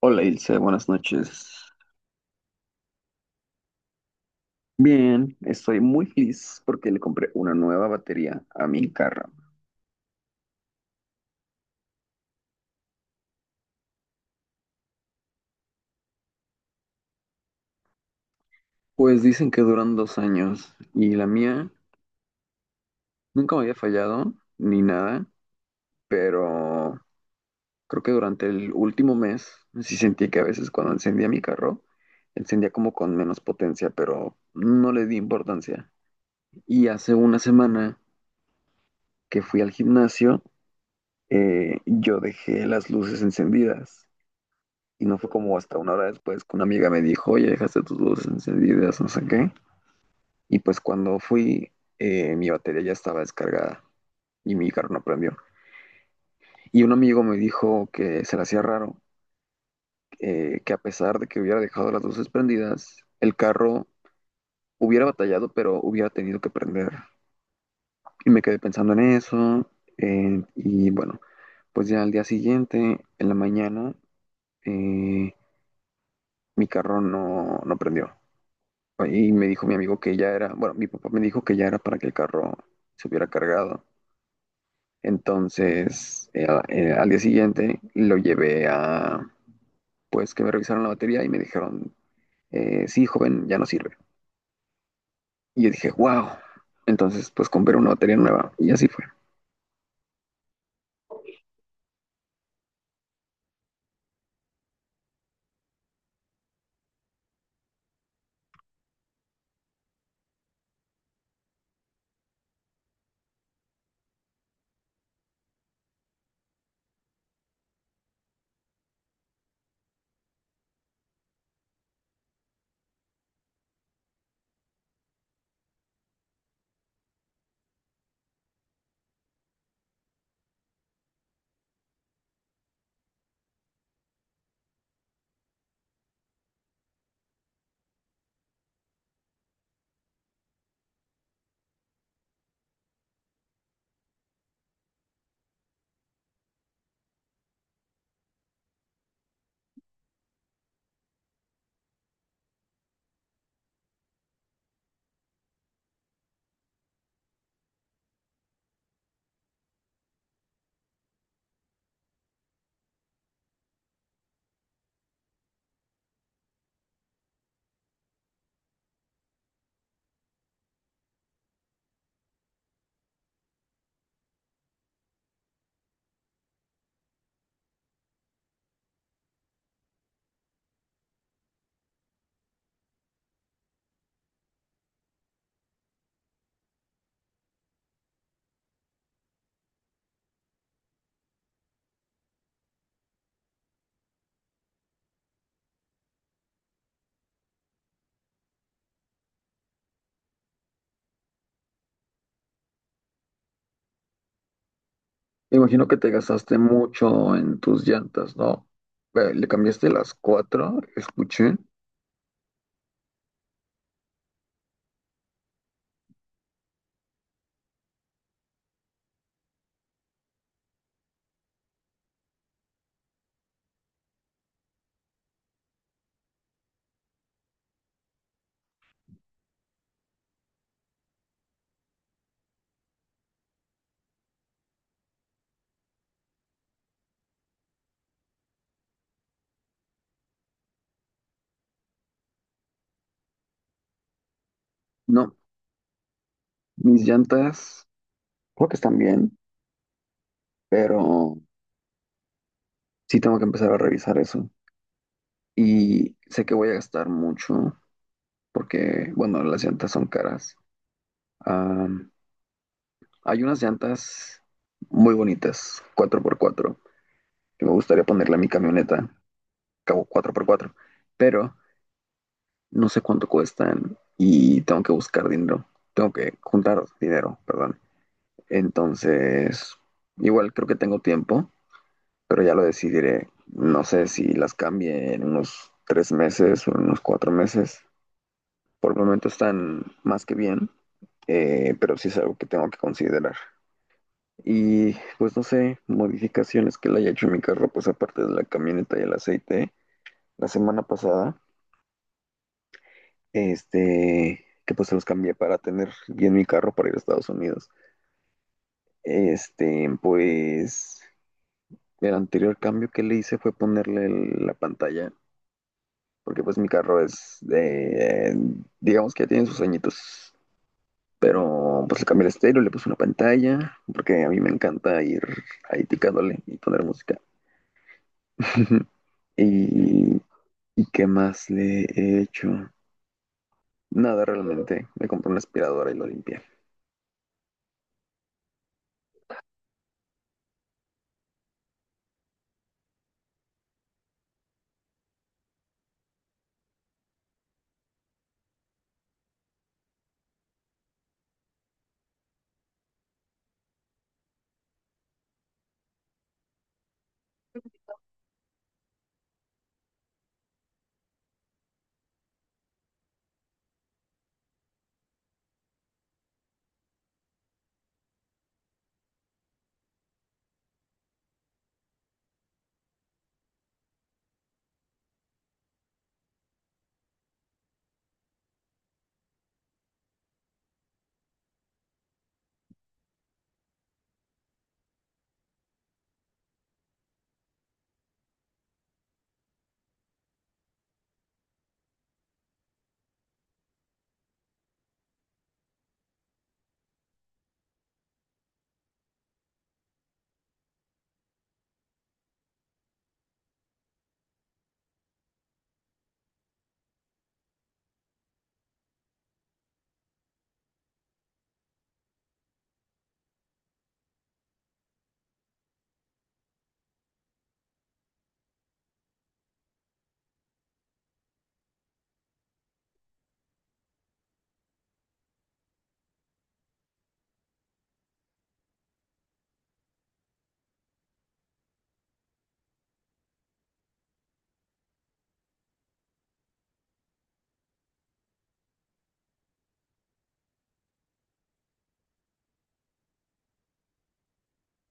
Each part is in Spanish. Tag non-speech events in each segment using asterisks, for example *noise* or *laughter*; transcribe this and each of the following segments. Hola Ilse, buenas noches. Bien, estoy muy feliz porque le compré una nueva batería a mi carro. Pues dicen que duran 2 años y la mía nunca me había fallado ni nada, pero creo que durante el último mes sí sentí que a veces cuando encendía mi carro, encendía como con menos potencia, pero no le di importancia. Y hace una semana que fui al gimnasio, yo dejé las luces encendidas. Y no fue como hasta una hora después que una amiga me dijo, oye, dejaste tus luces encendidas, no sé qué. Y pues cuando fui, mi batería ya estaba descargada y mi carro no prendió. Y un amigo me dijo que se le hacía raro, que a pesar de que hubiera dejado las luces prendidas, el carro hubiera batallado, pero hubiera tenido que prender. Y me quedé pensando en eso. Y bueno, pues ya al día siguiente, en la mañana, eh, mi carro no prendió. Y me dijo mi amigo que ya era, bueno, mi papá me dijo que ya era para que el carro se hubiera cargado. Entonces, al día siguiente lo llevé a, pues, que me revisaron la batería y me dijeron, sí, joven, ya no sirve. Y yo dije, wow. Entonces, pues, compré una batería nueva y así fue. Me imagino que te gastaste mucho en tus llantas, ¿no? ¿Le cambiaste las cuatro? Escuché. No, mis llantas creo que están bien, pero sí tengo que empezar a revisar eso. Y sé que voy a gastar mucho porque, bueno, las llantas son caras. Am, hay unas llantas muy bonitas, 4x4, que me gustaría ponerle a mi camioneta, cabo 4x4, pero no sé cuánto cuestan y tengo que buscar dinero. Tengo que juntar dinero, perdón. Entonces, igual creo que tengo tiempo, pero ya lo decidiré. No sé si las cambie en unos 3 meses o en unos 4 meses. Por el momento están más que bien, pero sí es algo que tengo que considerar. Y pues no sé, modificaciones que le haya hecho en mi carro, pues aparte de la camioneta y el aceite, la semana pasada, que pues se los cambié para tener bien mi carro para ir a Estados Unidos. Este, pues el anterior cambio que le hice fue ponerle la pantalla, porque pues mi carro es, digamos que ya tiene sus añitos. Pero pues le cambié el estéreo, le puse una pantalla, porque a mí me encanta ir ahí picándole y poner música. *laughs* Y, ¿y qué más le he hecho? Nada, realmente. Me compré una aspiradora y lo limpié.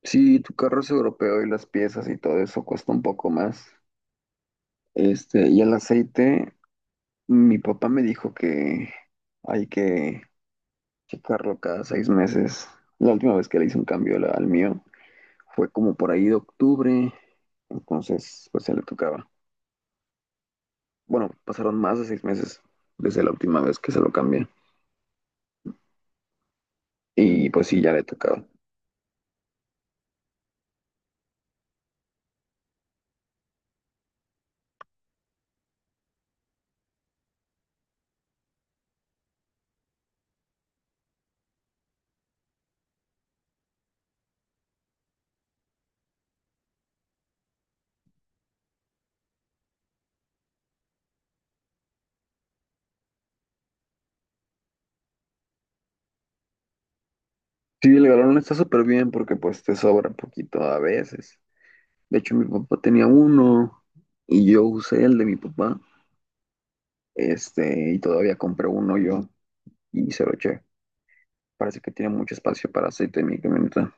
Sí, tu carro es europeo y las piezas y todo eso cuesta un poco más. Este, y el aceite, mi papá me dijo que hay que checarlo cada 6 meses. La última vez que le hice un cambio al mío, fue como por ahí de octubre, entonces pues se le tocaba. Bueno, pasaron más de 6 meses desde la última vez que se lo cambié y pues sí, ya le tocaba. Sí, el galón está súper bien porque pues te sobra poquito a veces. De hecho, mi papá tenía uno y yo usé el de mi papá, y todavía compré uno yo y se lo eché. Parece que tiene mucho espacio para aceite en mi camioneta.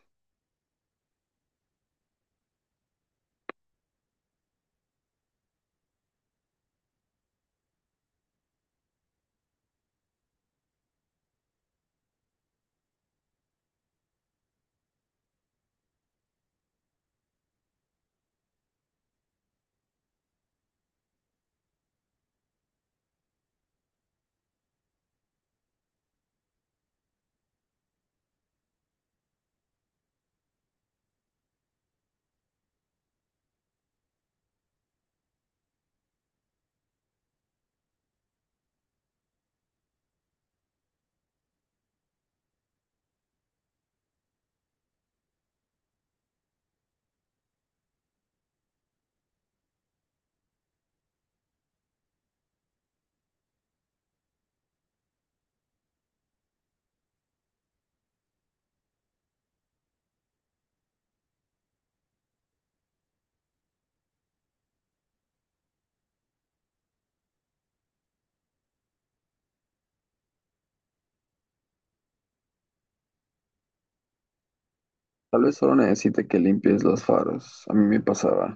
Tal vez solo necesite que limpies los faros. A mí me pasaba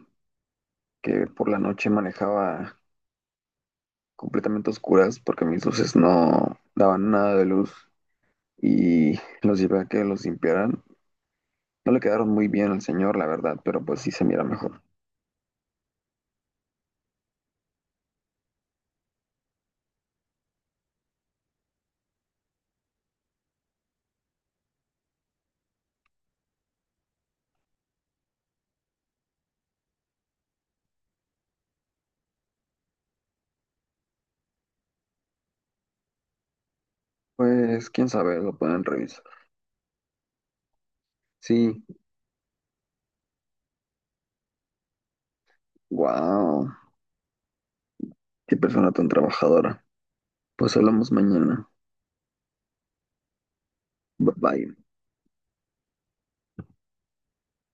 que por la noche manejaba completamente oscuras porque mis luces no daban nada de luz y *laughs* los llevé a que los limpiaran. No le quedaron muy bien al señor, la verdad, pero pues sí se mira mejor. Pues quién sabe, lo pueden revisar. Sí, wow, qué persona tan trabajadora. Pues hablamos mañana. Bye bye.